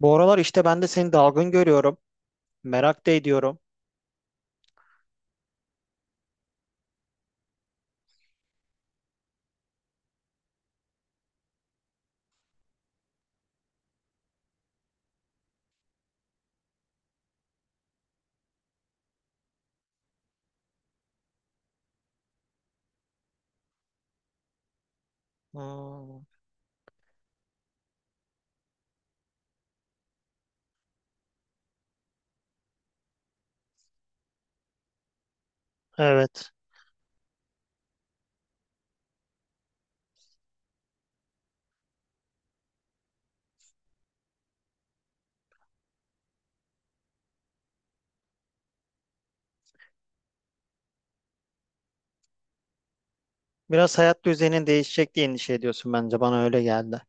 Bu aralar işte ben de seni dalgın görüyorum. Merak da ediyorum. Hmm, evet. Biraz hayat düzenin değişecek diye endişe ediyorsun bence. Bana öyle geldi.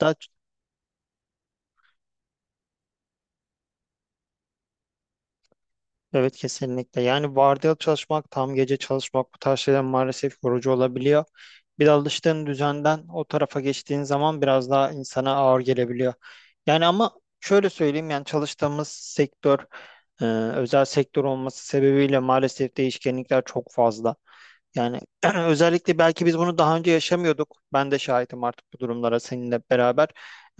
Daha, ç- evet kesinlikle. Yani vardiyalı çalışmak, tam gece çalışmak bu tarz şeyler maalesef yorucu olabiliyor. Bir de alıştığın düzenden o tarafa geçtiğin zaman biraz daha insana ağır gelebiliyor. Yani ama şöyle söyleyeyim yani çalıştığımız sektör, özel sektör olması sebebiyle maalesef değişkenlikler çok fazla. Yani özellikle belki biz bunu daha önce yaşamıyorduk. Ben de şahitim artık bu durumlara seninle beraber.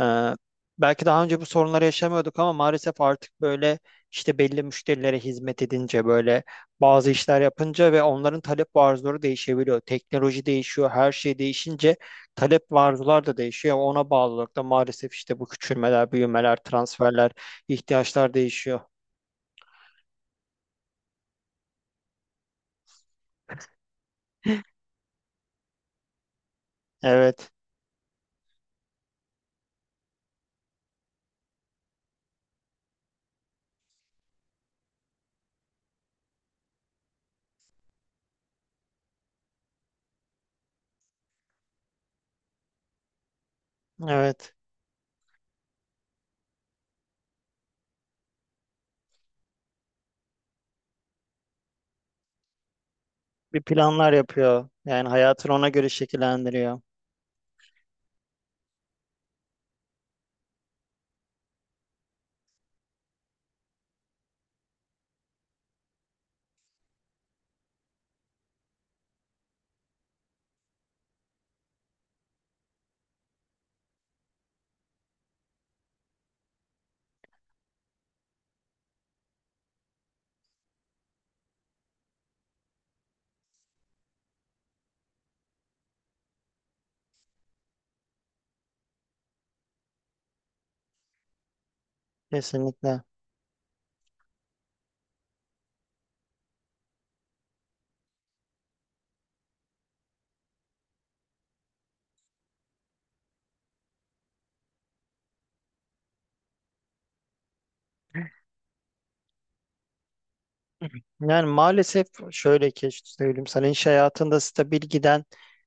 Ee, Belki daha önce bu sorunları yaşamıyorduk ama maalesef artık böyle işte belli müşterilere hizmet edince böyle bazı işler yapınca ve onların talep ve arzuları değişebiliyor. Teknoloji değişiyor, her şey değişince talep ve arzular da değişiyor. Ona bağlı olarak da maalesef işte bu küçülmeler, büyümeler, transferler, ihtiyaçlar değişiyor. Evet, evet. Bir planlar yapıyor. Yani hayatını ona göre şekillendiriyor. Kesinlikle. Yani maalesef şöyle ki işte söyleyeyim sana iş hayatında stabil giden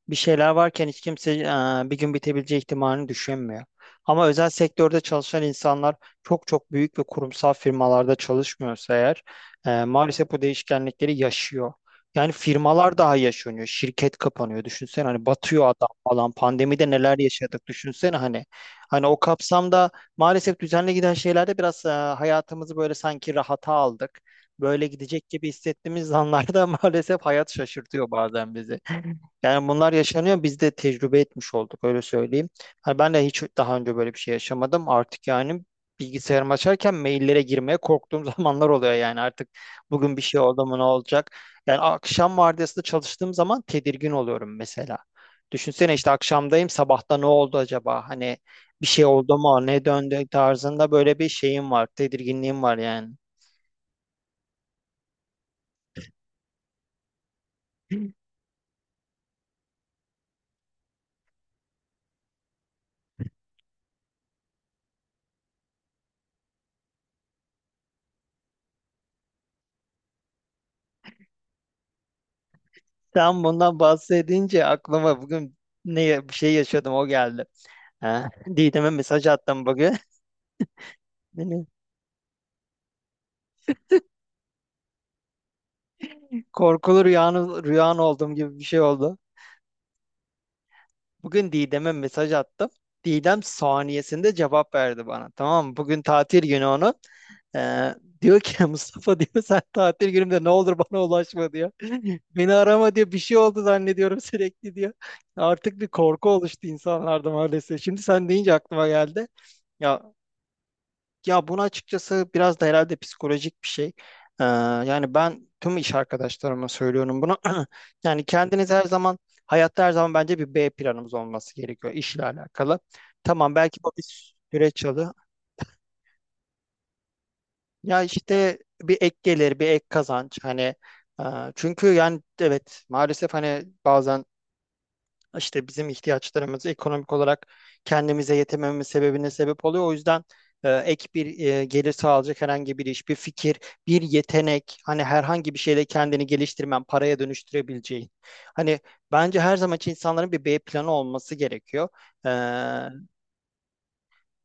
bir şeyler varken hiç kimse bir gün bitebileceği ihtimalini düşünmüyor. Ama özel sektörde çalışan insanlar çok çok büyük ve kurumsal firmalarda çalışmıyorsa eğer maalesef bu değişkenlikleri yaşıyor. Yani firmalar daha yaşanıyor. Şirket kapanıyor. Düşünsene hani batıyor adam falan. Pandemide neler yaşadık düşünsene hani. Hani o kapsamda maalesef düzenli giden şeylerde biraz hayatımızı böyle sanki rahata aldık böyle gidecek gibi hissettiğimiz anlarda maalesef hayat şaşırtıyor bazen bizi. Yani bunlar yaşanıyor biz de tecrübe etmiş olduk öyle söyleyeyim. Hani ben de hiç daha önce böyle bir şey yaşamadım. Artık yani bilgisayarımı açarken maillere girmeye korktuğum zamanlar oluyor yani artık bugün bir şey oldu mu ne olacak? Yani akşam vardiyasında çalıştığım zaman tedirgin oluyorum mesela. Düşünsene işte akşamdayım sabahta ne oldu acaba? Hani bir şey oldu mu ne döndü tarzında böyle bir şeyim var tedirginliğim var yani. Tam bundan bahsedince aklıma bugün ne bir şey yaşadım o geldi. Ha, Didem'e mesaj attım bugün. Beni Korkulu rüyanı, rüyan olduğum gibi bir şey oldu. Bugün Didem'e mesaj attım. Didem saniyesinde cevap verdi bana. Tamam mı? Bugün tatil günü onun. Ee, Diyor ki Mustafa diyor sen tatil günümde ne olur bana ulaşma diyor. Beni arama diyor bir şey oldu zannediyorum sürekli diyor. Artık bir korku oluştu insanlarda maalesef. Şimdi sen deyince aklıma geldi. Ya Ya bunu açıkçası biraz da herhalde psikolojik bir şey. Yani ben tüm iş arkadaşlarıma söylüyorum bunu. Yani kendiniz her zaman, hayatta her zaman bence bir B planımız olması gerekiyor işle alakalı. Tamam belki bu bir süreç alı. Ya işte bir ek gelir, bir ek kazanç. Hani e, çünkü yani evet maalesef hani bazen işte bizim ihtiyaçlarımız ekonomik olarak kendimize yetemememiz sebebine sebep oluyor. O yüzden ek bir gelir sağlayacak herhangi bir iş, bir fikir, bir yetenek, hani herhangi bir şeyle kendini geliştirmen, paraya dönüştürebileceğin. Hani bence her zaman için insanların bir B planı olması gerekiyor. E,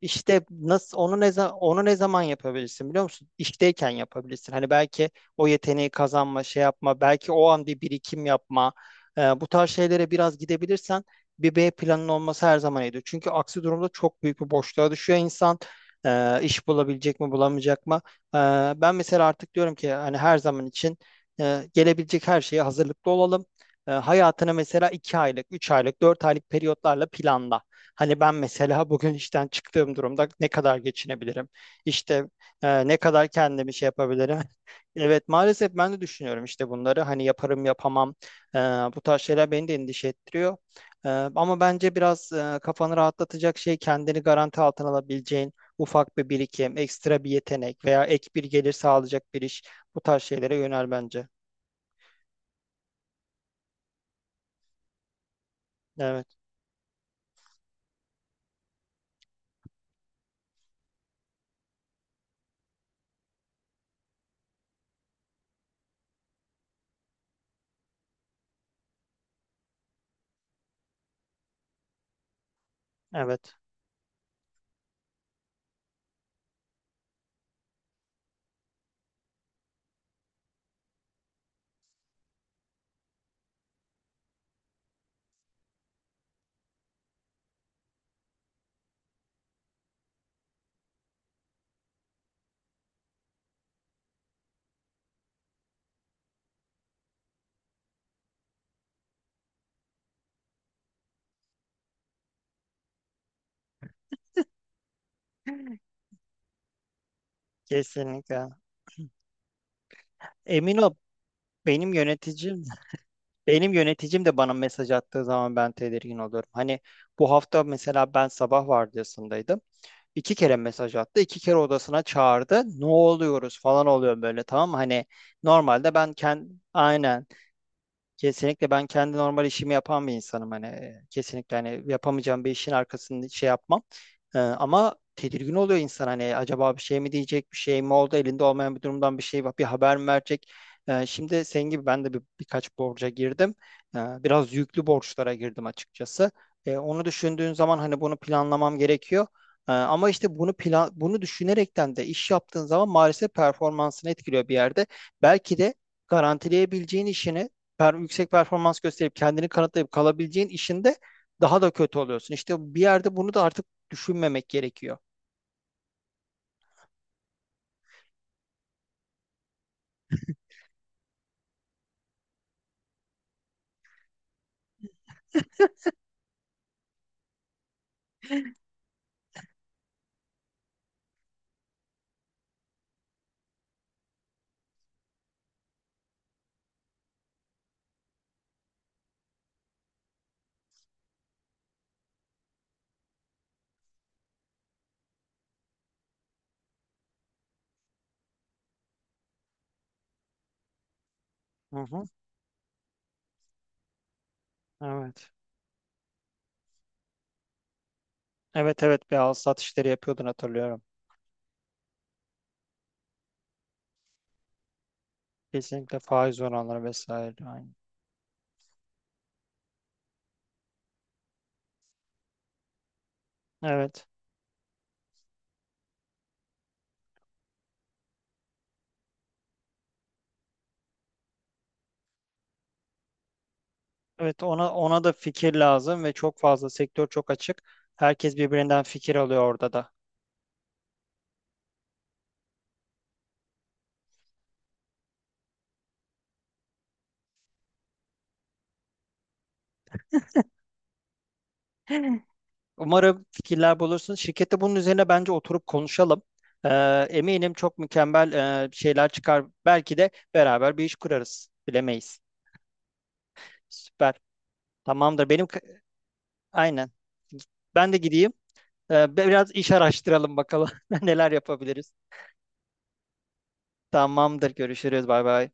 işte nasıl onu ne zaman yapabilirsin biliyor musun? İşteyken yapabilirsin. Hani belki o yeteneği kazanma, şey yapma, belki o an bir birikim yapma. Bu tarz şeylere biraz gidebilirsen bir B planın olması her zaman iyidir. Çünkü aksi durumda çok büyük bir boşluğa düşüyor insan. İş bulabilecek mi, bulamayacak mı? Ee, Ben mesela artık diyorum ki hani her zaman için gelebilecek her şeye hazırlıklı olalım. Hayatını mesela iki aylık, üç aylık, dört aylık periyotlarla planla. Hani ben mesela bugün işten çıktığım durumda ne kadar geçinebilirim? İşte ne kadar kendimi şey yapabilirim? Evet maalesef ben de düşünüyorum işte bunları. Hani yaparım yapamam. E, Bu tarz şeyler beni de endişe ettiriyor. E, Ama bence biraz kafanı rahatlatacak şey kendini garanti altına alabileceğin ufak bir birikim, ekstra bir yetenek veya ek bir gelir sağlayacak bir iş. Bu tarz şeylere yönel bence. Evet, evet. Kesinlikle. Emin ol benim yöneticim Benim yöneticim de bana mesaj attığı zaman ben tedirgin oluyorum. Hani bu hafta mesela ben sabah vardiyasındaydım. İki kere mesaj attı, iki kere odasına çağırdı. Ne oluyoruz falan oluyor böyle tamam mı? Hani normalde ben kendi aynen Kesinlikle ben kendi normal işimi yapan bir insanım hani kesinlikle hani yapamayacağım bir işin arkasında şey yapmam. Ama tedirgin oluyor insan hani acaba bir şey mi diyecek bir şey mi oldu elinde olmayan bir durumdan bir şey var bir haber mi verecek? Şimdi senin gibi ben de birkaç borca girdim. Biraz yüklü borçlara girdim açıkçası. Onu düşündüğün zaman hani bunu planlamam gerekiyor. Ama işte bunu düşünerekten de iş yaptığın zaman maalesef performansını etkiliyor bir yerde. Belki de garantileyebileceğin işini yüksek performans gösterip kendini kanıtlayıp kalabileceğin işinde daha da kötü oluyorsun. İşte bir yerde bunu da artık düşünmemek gerekiyor. Hı hı, evet. Evet evet bir al sat işleri yapıyordun hatırlıyorum. Kesinlikle faiz oranları vesaire. Aynı. Evet. Evet ona da fikir lazım ve çok fazla sektör çok açık. Herkes birbirinden fikir alıyor orada da. Umarım fikirler bulursun. Şirkette bunun üzerine bence oturup konuşalım. Ee, Eminim çok mükemmel şeyler çıkar. Belki de beraber bir iş kurarız. Bilemeyiz. Süper. Tamamdır. Aynen. Ben de gideyim. Biraz iş araştıralım bakalım neler yapabiliriz. Tamamdır. Görüşürüz. Bay bay.